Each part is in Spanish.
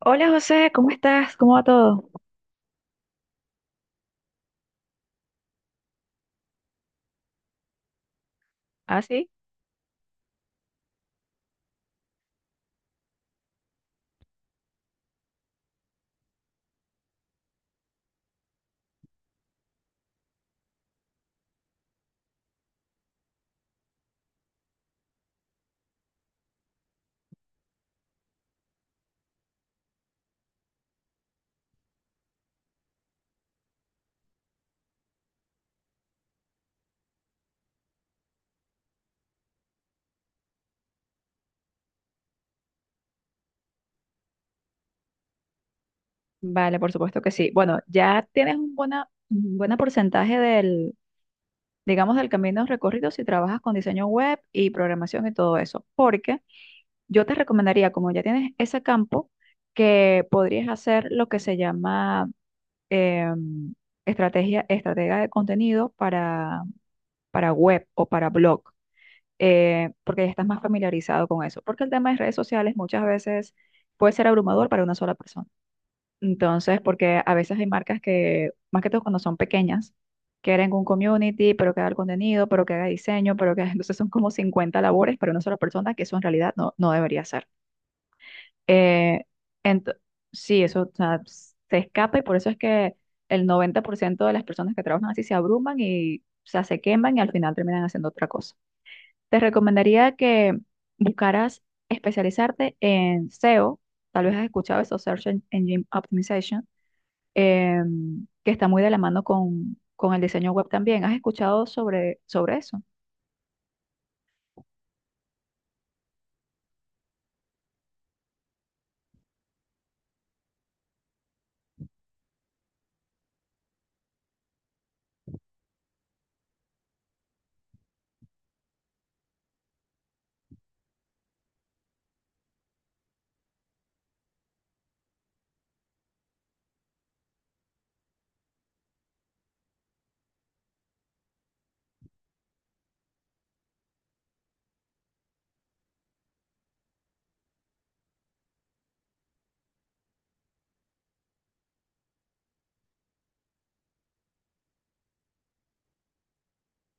Hola José, ¿cómo estás? ¿Cómo va todo? ¿Ah, sí? Vale, por supuesto que sí. Bueno, ya tienes un buen porcentaje del camino recorrido si trabajas con diseño web y programación y todo eso. Porque yo te recomendaría, como ya tienes ese campo, que podrías hacer lo que se llama em, estratega de contenido para web o para blog, porque ya estás más familiarizado con eso. Porque el tema de redes sociales muchas veces puede ser abrumador para una sola persona. Entonces, porque a veces hay marcas que, más que todo cuando son pequeñas, quieren un community, pero que haga el contenido, pero que haga diseño, pero que entonces son como 50 labores para una sola persona, que eso en realidad no, no debería ser. Eh, ento- sí, eso, o sea, se escapa y por eso es que el 90% de las personas que trabajan así se abruman y, o sea, se queman y al final terminan haciendo otra cosa. Te recomendaría que buscaras especializarte en SEO. Tal vez has escuchado eso, Engine Optimization, que está muy de la mano con el diseño web también. ¿Has escuchado sobre eso?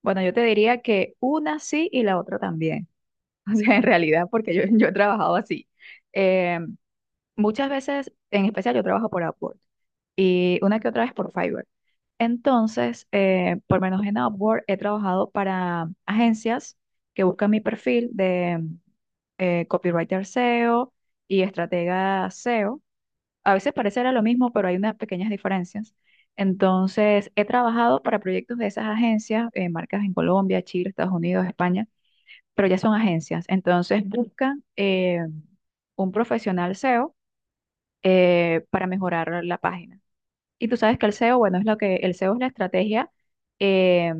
Bueno, yo te diría que una sí y la otra también. O sea, en realidad, porque yo he trabajado así. Em, Muchas veces, en especial, yo trabajo por Upwork y una que otra vez por Fiverr. Entonces, por lo menos en Upwork he trabajado para agencias que buscan mi perfil de copywriter SEO y estratega SEO. A veces parecerá lo mismo, pero hay unas pequeñas diferencias. Entonces, he trabajado para proyectos de esas agencias, marcas en Colombia, Chile, Estados Unidos, España, pero ya son agencias. Entonces, buscan un profesional SEO para mejorar la página. Y tú sabes que el SEO, bueno, es lo que el SEO es la estrategia, eh,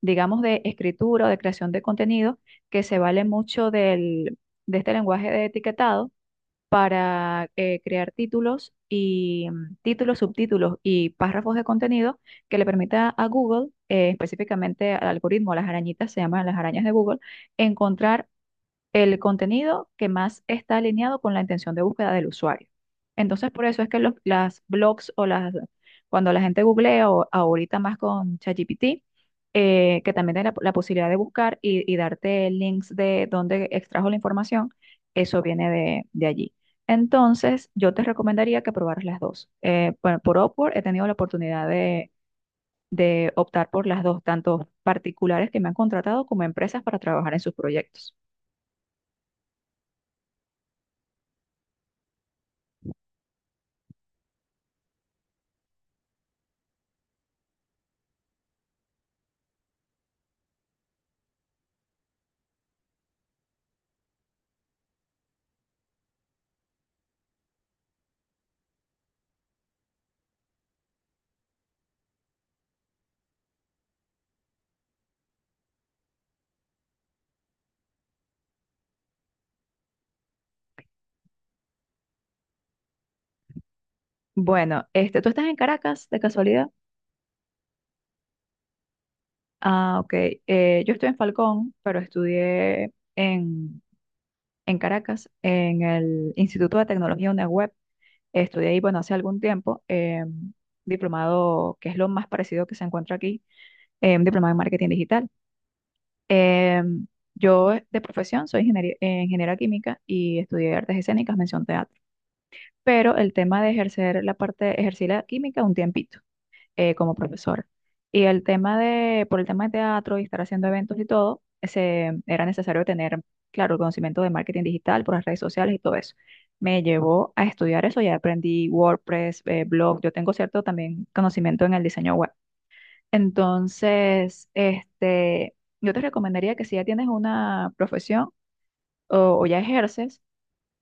digamos, de escritura o de creación de contenido que se vale mucho de este lenguaje de etiquetado para crear títulos y títulos, subtítulos y párrafos de contenido que le permita a Google, específicamente al algoritmo, a las arañitas, se llaman las arañas de Google, encontrar el contenido que más está alineado con la intención de búsqueda del usuario. Entonces, por eso es que las blogs o las, cuando la gente googlea o ahorita más con ChatGPT, que también tiene la posibilidad de buscar y darte links de dónde extrajo la información, eso viene de allí. Entonces, yo te recomendaría que probaras las dos. Bueno, por Upwork he tenido la oportunidad de optar por las dos, tanto particulares que me han contratado como empresas para trabajar en sus proyectos. Bueno, este, ¿tú estás en Caracas, de casualidad? Ah, ok. Yo estoy en Falcón, pero en Caracas, en el Instituto de Tecnología UNEWeb. Estudié ahí, bueno, hace algún tiempo, diplomado, que es lo más parecido que se encuentra aquí, un diplomado en marketing digital. Eh, yo de profesión soy ingeniera química y estudié artes escénicas, mención teatro. Pero el tema de ejercer la parte, ejercí la química un tiempito como profesora. Y el tema de, por el tema de teatro y estar haciendo eventos y todo, ese, era necesario tener, claro, el conocimiento de marketing digital por las redes sociales y todo eso. Me llevó a estudiar eso, ya aprendí WordPress, blog, yo tengo cierto también conocimiento en el diseño web. Entonces, este, yo te recomendaría que si ya tienes una profesión o ya ejerces,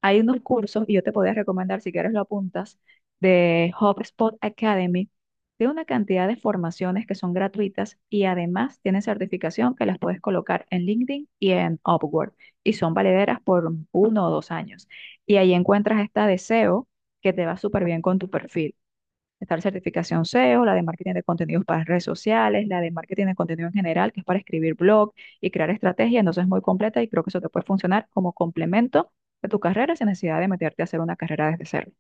hay unos cursos, y yo te podría recomendar, si quieres lo apuntas, de HubSpot Academy. Tiene una cantidad de formaciones que son gratuitas y además tienen certificación que las puedes colocar en LinkedIn y en Upwork. Y son valederas por uno o dos años. Y ahí encuentras esta de SEO que te va súper bien con tu perfil. Está la certificación SEO, la de marketing de contenidos para redes sociales, la de marketing de contenido en general, que es para escribir blog y crear estrategia. Entonces es muy completa y creo que eso te puede funcionar como complemento de tu carrera sin necesidad de meterte a hacer una carrera desde cero.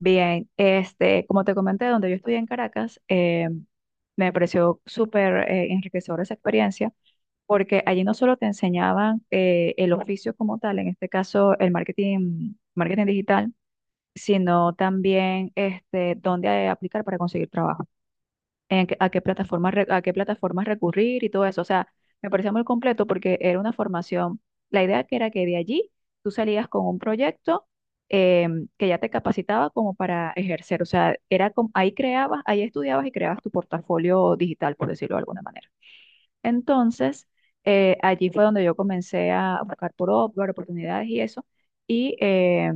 Bien, este, como te comenté, donde yo estudié en Caracas, me pareció súper enriquecedora esa experiencia, porque allí no solo te enseñaban el oficio como tal, en este caso el marketing digital, sino también este, dónde aplicar para conseguir trabajo, a qué a qué plataformas recurrir y todo eso. O sea, me parecía muy completo porque era una formación, la idea que era que de allí tú salías con un proyecto que ya te capacitaba como para ejercer. O sea, era como, ahí creabas, ahí estudiabas y creabas tu portafolio digital, por decirlo de alguna manera. Entonces, allí fue donde yo comencé a buscar por Upwork, oportunidades y eso, y, eh,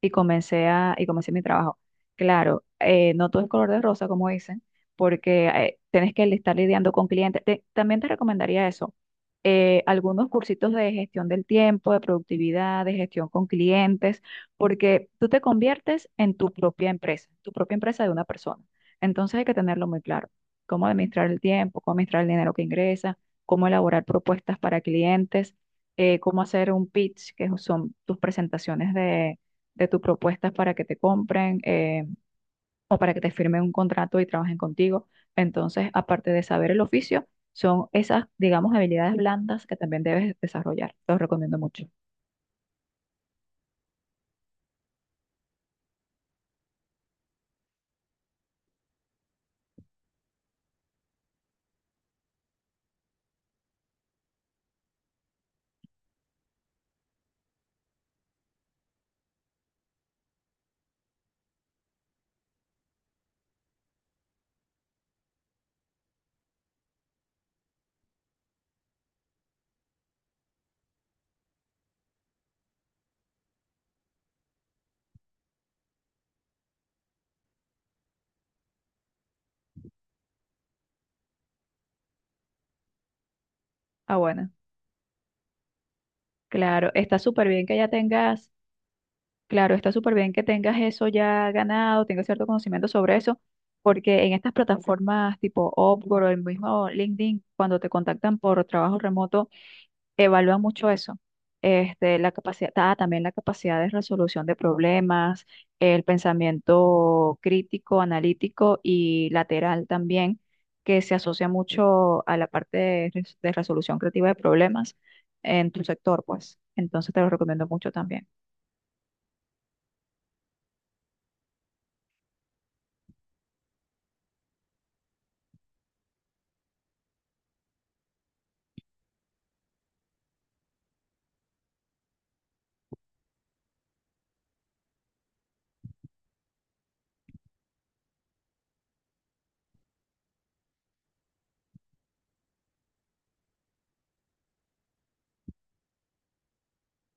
y comencé a, y comencé mi trabajo. Claro, no todo es color de rosa, como dicen, porque tienes que estar lidiando con clientes. También te recomendaría eso, algunos cursitos de gestión del tiempo, de productividad, de gestión con clientes, porque tú te conviertes en tu propia empresa de una persona. Entonces hay que tenerlo muy claro cómo administrar el tiempo, cómo administrar el dinero que ingresa, cómo elaborar propuestas para clientes, cómo hacer un pitch, que son tus presentaciones de tus propuestas para que te compren o para que te firmen un contrato y trabajen contigo. Entonces, aparte de saber el oficio, son esas, digamos, habilidades blandas que también debes desarrollar. Te los recomiendo mucho. Ah, bueno, claro, está súper bien que ya tengas. Claro, está súper bien que tengas eso ya ganado, tengas cierto conocimiento sobre eso, porque en estas plataformas tipo Upwork o el mismo LinkedIn, cuando te contactan por trabajo remoto, evalúan mucho eso. Este, la capacidad, ah, también la capacidad de resolución de problemas, el pensamiento crítico, analítico y lateral también, que se asocia mucho a la parte de resolución creativa de problemas en tu sector, pues. Entonces te lo recomiendo mucho también.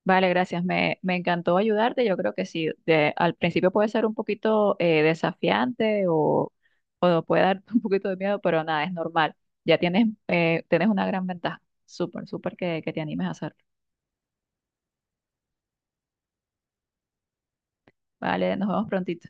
Vale, gracias. Me encantó ayudarte. Yo creo que sí. Al principio puede ser un poquito desafiante o puede dar un poquito de miedo, pero nada, es normal. Ya tienes, tienes una gran ventaja. Súper que te animes a hacerlo. Vale, nos vemos prontito.